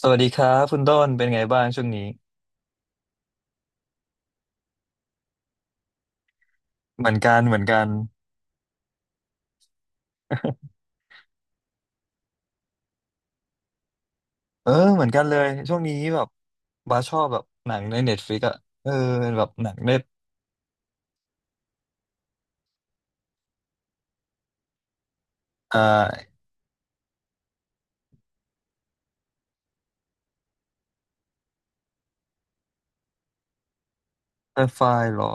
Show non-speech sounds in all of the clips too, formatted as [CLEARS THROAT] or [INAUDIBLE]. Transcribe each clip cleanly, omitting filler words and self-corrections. สวัสดีครับคุณต้นเป็นไงบ้างช่วงนี้เหมือนกันเหมือนกันเออเหมือนกันเลยช่วงนี้แบบบาสชอบแบบหนังในเน็ตฟลิกอะเออแบบหนังในตอ่าไซไฟเหรอ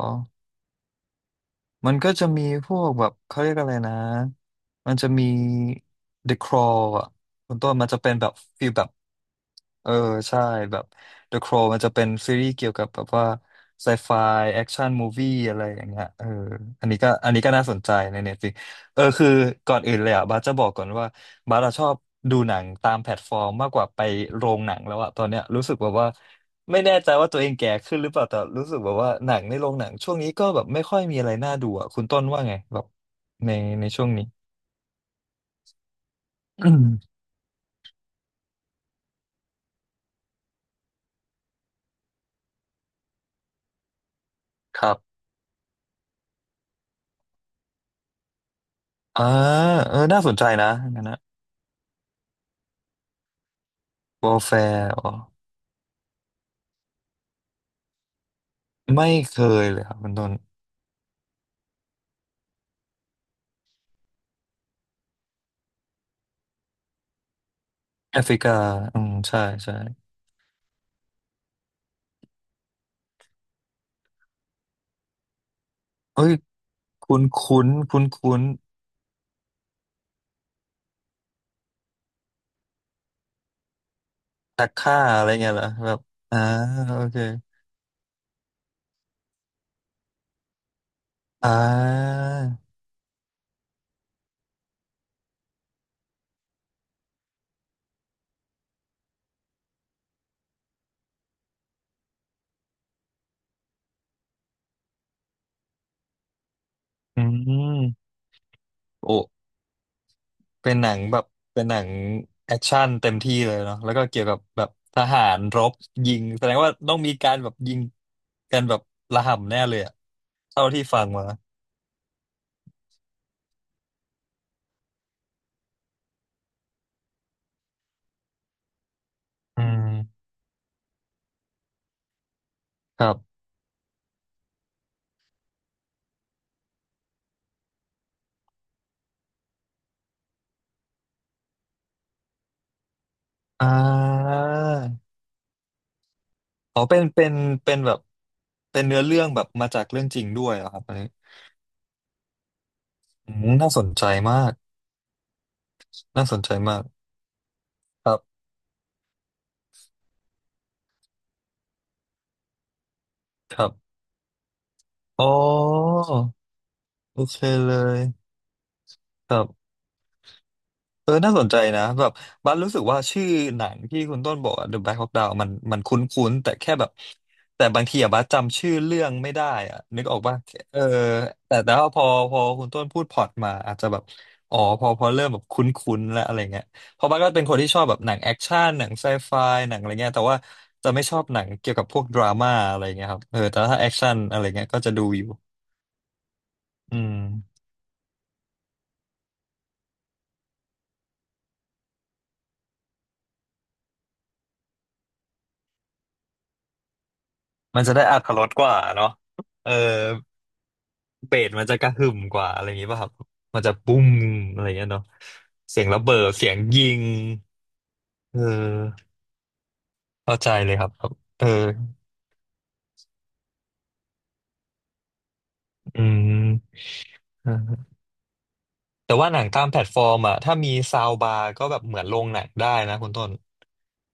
มันก็จะมีพวกแบบเขาเรียกอะไรนะมันจะมี The Crawl อะคุณต้นมันจะเป็นแบบฟีลแบบ เออใช่แบบ The Crow มันจะเป็นซีรีส์เกี่ยวกับแบบว่าไซไฟแอคชั่นมูวี่อะไรอย่างเงี้ยเอออันนี้ก็น่าสนใจในเน็ตฟลิกเออคือก่อนอื่นเลยอ่ะบาสจะบอกก่อนว่าบาสอะชอบดูหนังตามแพลตฟอร์มมากกว่าไปโรงหนังแล้วอะตอนเนี้ยรู้สึกแบบว่าไม่แน่ใจว่าตัวเองแก่ขึ้นหรือเปล่าแต่รู้สึกแบบว่าหนังในโรงหนังช่วงนี้ก็แบบไม่ค่อยมีอะไรน่าดูอ่ะคุณต้นว่าไงแบบในในช่วงนี้ [CLEARS THROAT] ครับอ่าเออน่าสนใจนะงั้นนะ w อ r f ไม่เคยเลยครับคุณต้นแอฟริกาอืมใช่ใช่เอ้ยคุ้นคุ้นคุ้นคุ้นตักค่าอะไรเงี้ยเหรอแบบอ่าโอเคอ่าอืมโอ้เป็นหนังแบบเป็นหนังแอคชั่นเต็มที่เลยเนาะแล้วก็เกี่ยวกับแบบทหารรบยิงแสดงว่าต้องมีการแบบยิงกันแบบระห่ำแน่เลยอะเท่าที่ฟังมาอืมครับอ่า อ๋อเป็นเป็นแบบ เป็นเนื้อเรื่องแบบมาจากเรื่องจริงด้วยเหรอครับอันนี้อืมน่าสนใจมากน่าสนใจมากครับครับอ๋อโอเคเลยครับ เออน่าสนใจนะแบบบัสรู้สึกว่าชื่อหนังที่คุณต้นบอกอะ The Black Hawk Down มันคุ้นๆแต่แค่แบบแต่บางทีอะบัสจำชื่อเรื่องไม่ได้อะนึกออกป่ะเออแต่แต่ว่าพอคุณต้นพูดพล็อตมาอาจจะแบบอ๋อพอเริ่มแบบคุ้นๆแล้วอะไรเงี้ยเพราะบัสก็เป็นคนที่ชอบแบบหนังแอคชั่นหนังไซไฟหนังอะไรเงี้ยแต่ว่าจะไม่ชอบหนังเกี่ยวกับพวกดราม่าอะไรเงี้ยครับเออแต่ถ้าแอคชั่นอะไรเงี้ยก็จะดูอยู่อืมมันจะได้อรรถรสกว่าเนาะเออ เบสมันจะกระหึ่มกว่าอะไรอย่างงี้ป่ะครับมันจะปุ้มอะไรอย่างเงี้ยเนาะเสียงระเบิดเสียงยิงเออเข้าใจเลยครับครับเอออืมเออแต่ว่าหนังตามแพลตฟอร์มอ่ะถ้ามีซาวบาร์ก็แบบเหมือนโรงหนังได้นะคุณต้น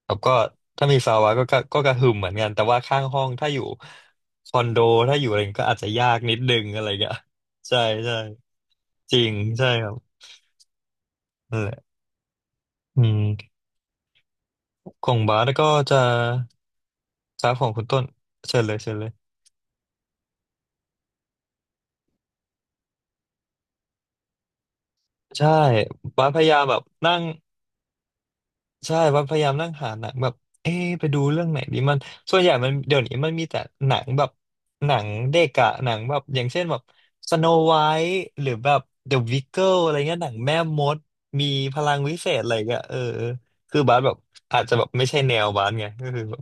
ครับก็ถ้ามีซาวบาร์ก็กระหึ่มเหมือนกันแต่ว่าข้างห้องถ้าอยู่คอนโดถ้าอยู่อะไรก็อาจจะยากนิดนึงอะไรอย่างเงี้ยใช่ใช่จริงใช่ครับนั่นแหละอืมของบาสก็จะ ครับของคุณต้นเชิญเลยเชิญเลยใช่บาสพยายามแบบนั่ง ใช่ว่าพยายามนั่งหาหนังแบบเอ๊ะไปดูเรื่องไหนดีมัน ส่วนใหญ่มันเดี๋ยวนี้มันมีแต่หนังแบบหนังเด็กอะหนังแบบอย่างเช่นแบบสโนไวท์หรือแบบเดอะวิกเกิลอะไรเงี้ยหนังแม่มดมีพลังวิเศษอะไรเงี้ยเออคือบาสแบบอาจจะแบบไม่ใช่แนวบาสไงก็คือแบบ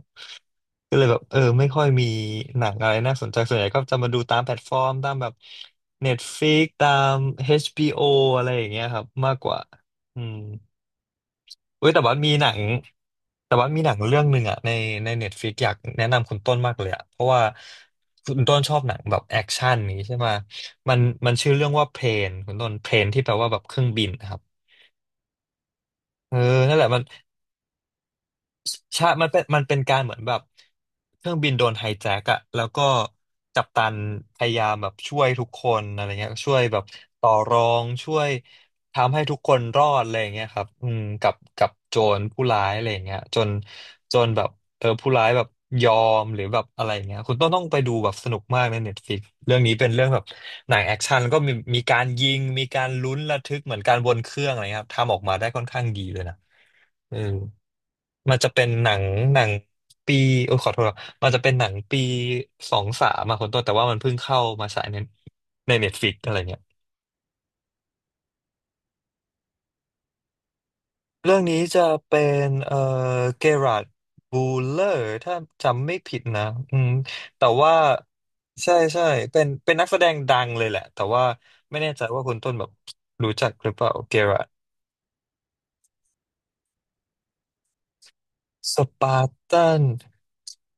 ก็เลยแบบเออไม่ค่อยมีหนังอะไรน่าสนใจส่วนใหญ่ก็จะมาดูตามแพลตฟอร์มตามแบบ Netflix ตาม h โ o อะไรอย่างเงี้ยครับมากกว่าอืม เว้ยแต่ว่ามีหนังแต่ว่ามีหนังเรื่องหนึ่งอะในเน็ตฟลิกอยากแนะนำคุณต้นมากเลยอะเพราะว่าคุณต้นชอบหนังแบบแอคชั่นนี้ใช่ไหมมันมันชื่อเรื่องว่าเพลนคุณต้นเพลนที่แปลว่าแบบเครื่องบินนะครับเออนั่นแหละมัน ใช่มันเป็นการเหมือนแบบเครื่องบินโดนไฮแจ็คอะแล้วก็กัปตันพยายามแบบช่วยทุกคนอะไรเงี้ยช่วยแบบต่อรอง ช่วยทำให้ทุกคนรอดอะไรเงี้ยครับอืมกับโจรผู้ร้ายอะไรเงี้ยจนแบบเออผู้ร้ายแบบยอมหรือแบบอะไรเงี้ยคุณต้องไปดูแบบสนุกมากในเน็ตฟลิกเรื่องนี้เป็นเรื่องแบบหนังแอคชั่นแล้วก็มีการยิง มีการลุ้นระทึกเหมือนการบนเครื่องอะไรเงี้ยครับทำออกมาได้ค่อนข้างดีเลยนะ เออมันจะเป็นหนังหนังปีโอ้ยขอโทษครับมันจะเป็นหนังปีสองสามมาคนต้นแต่ว่ามันเพิ่งเข้ามาฉายในในเน็ตฟลิกอะไรเงี้ยเรื่องนี้จะเป็นเกราดบูเลอร์ถ้าจำไม่ผิดนะอืมแต่ว่าใช่ใช่เป็นเป็นนักแสดงดังเลยแหละแต่ว่าไม่แน่ใจว่าคุณต้นแบบรู้จักหรือเปล่าเกรา สปาร์ตัน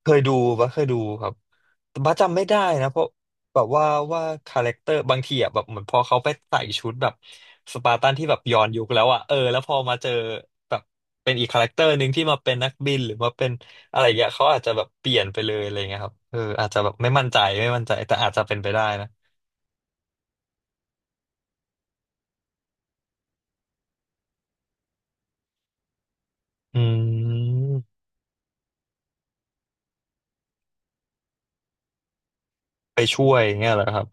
เคยดูปะเคยดูครับแต่บ้าจำไม่ได้นะเพราะแบบว่าว่าคาแรคเตอร์บางทีอ่ะแบบเหมือนพอเขาไปใส่ชุดแบบสปาร์ตันที่แบบย้อนยุคแล้วอ่ะเออแล้วพอมาเจอแบบเป็นอีกคาแรคเตอร์หนึ่งที่มาเป็นนักบินหรือมาเป็นอะไรอย่างเงี้ยเขาอาจจะแบบเปลี่ยนไปเลยอะไรเงี้ยครับเอออาจจะแบบไม่มั่นใจไม่มั่นใจแต่อาจจะเป็นไปได้นะอืมไปช่วยอย่างเงี้ยเหรอครับ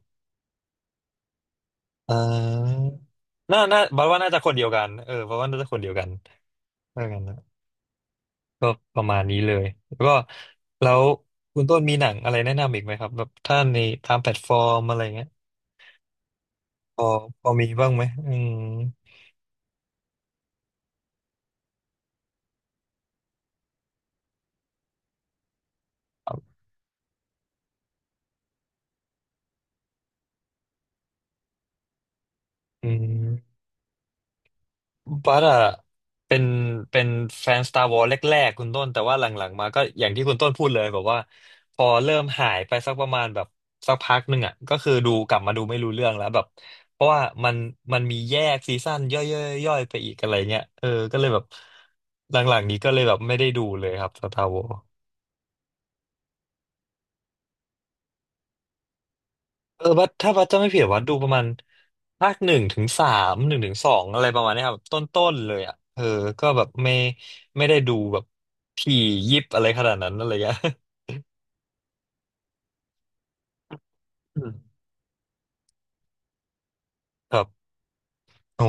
อ่าน่าน่าบ้าว่าน่าจะคนเดียวกันเออบ้าว่าน่าจะคนเดียวกันเออกันนะ ก็ประมาณนี้เลยแล้วก็แล้วคุณต้นมีหนังอะไรแนะนำอีกไหมครับแบบถ้าในตามแพลตฟอร์มอะไรเงี้ยพอพอมีบ้างไหมอืมอืม บัสอะเป็นเป็นแฟน Star Wars แรกๆคุณต้นแต่ว่าหลังๆมาก็อย่างที่คุณต้นพูดเลยแบบว่าพอเริ่มหายไปสักประมาณแบบสักพักหนึ่งอะก็คือดูกลับมาดูไม่รู้เรื่องแล้วแบบเพราะว่ามันมันมีแยกซีซั่นย่อยๆๆๆไปอีกอะไรเงี้ยเออก็เลยแบบหลังๆนี้ก็เลยแบบไม่ได้ดูเลยครับ Star Wars เออบัดถ้าบัดจะไม่ผิดวัดดูประมาณภาคหนึ่งถึงสามหนึ่งถึงสองอะไรประมาณเนี้ยครับต้นๆเลยอ่ะเออก็แบบไม่ไม่ได้ดูแบบถี่ยิบอะไรขนาดนั้นอะไรเงี้ยอืม [LAUGHS] ครับโอ้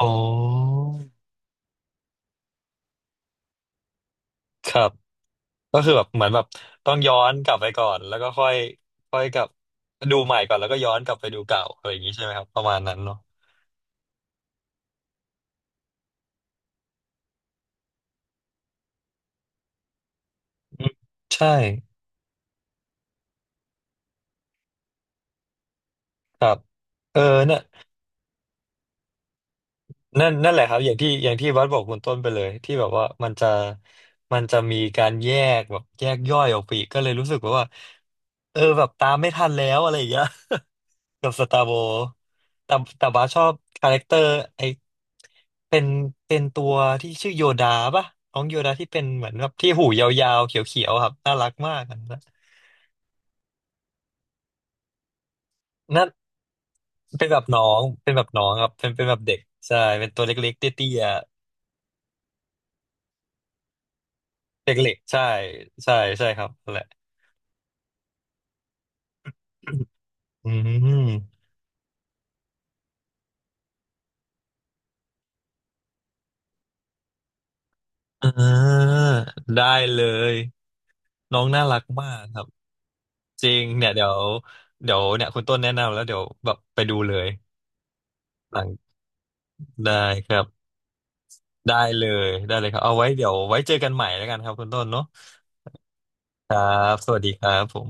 อ๋อครับก็คือแบบเหมือนแบบต้องย้อนกลับไปก่อนแล้วก็ค่อยค่อยกลับดูใหม่ก่อนแล้วก็ย้อนกลับไปดูเก่าอะไรอย่างนี้ใช่ไหมครับประมาณนั้นเนาะอืมใช่ครับเออเนี่ย นั่นนั่นแหละครับอย่างที่อย่างที่วัดบอกคุณต้นไปเลยที่แบบว่ามันจะมันจะมีการแยกแบบแยกย่อยออกไปอีกก็เลยรู้สึกว่าเออแบบตามไม่ทันแล้วอะไรอย่างเงี้ย [LAUGHS] กับสตาร์โวแต่แต่ว่าชอบคาแรคเตอร์ไอเป็นเป็นตัวที่ชื่อโยดาปะน้องโยดาที่เป็นเหมือนแบบที่หูยาวๆเขียวๆครับน่ารักมากอันนั้นนั่นเป็นแบบน้องเป็นแบบน้องครับเป็นเป็นแบบเด็กใช่เป็นตัวเล็กๆเตี้ยๆ เด็กเหล็กใช่ใช่ใช่ครับนั่นแหละ [COUGHS] อืมอ่าได้เลยน้องน่ารักมากครับจริงเนี่ยเดี๋ยวเดี๋ยวเนี่ยคุณต้นแนะนำแล้วเดี๋ยวแบบไปดูเลยหลังได้ครับได้เลยได้เลยครับเอาไว้เดี๋ยวไว้เจอกันใหม่แล้วกันครับคุณต้นเนาะครับสวัสดีครับผม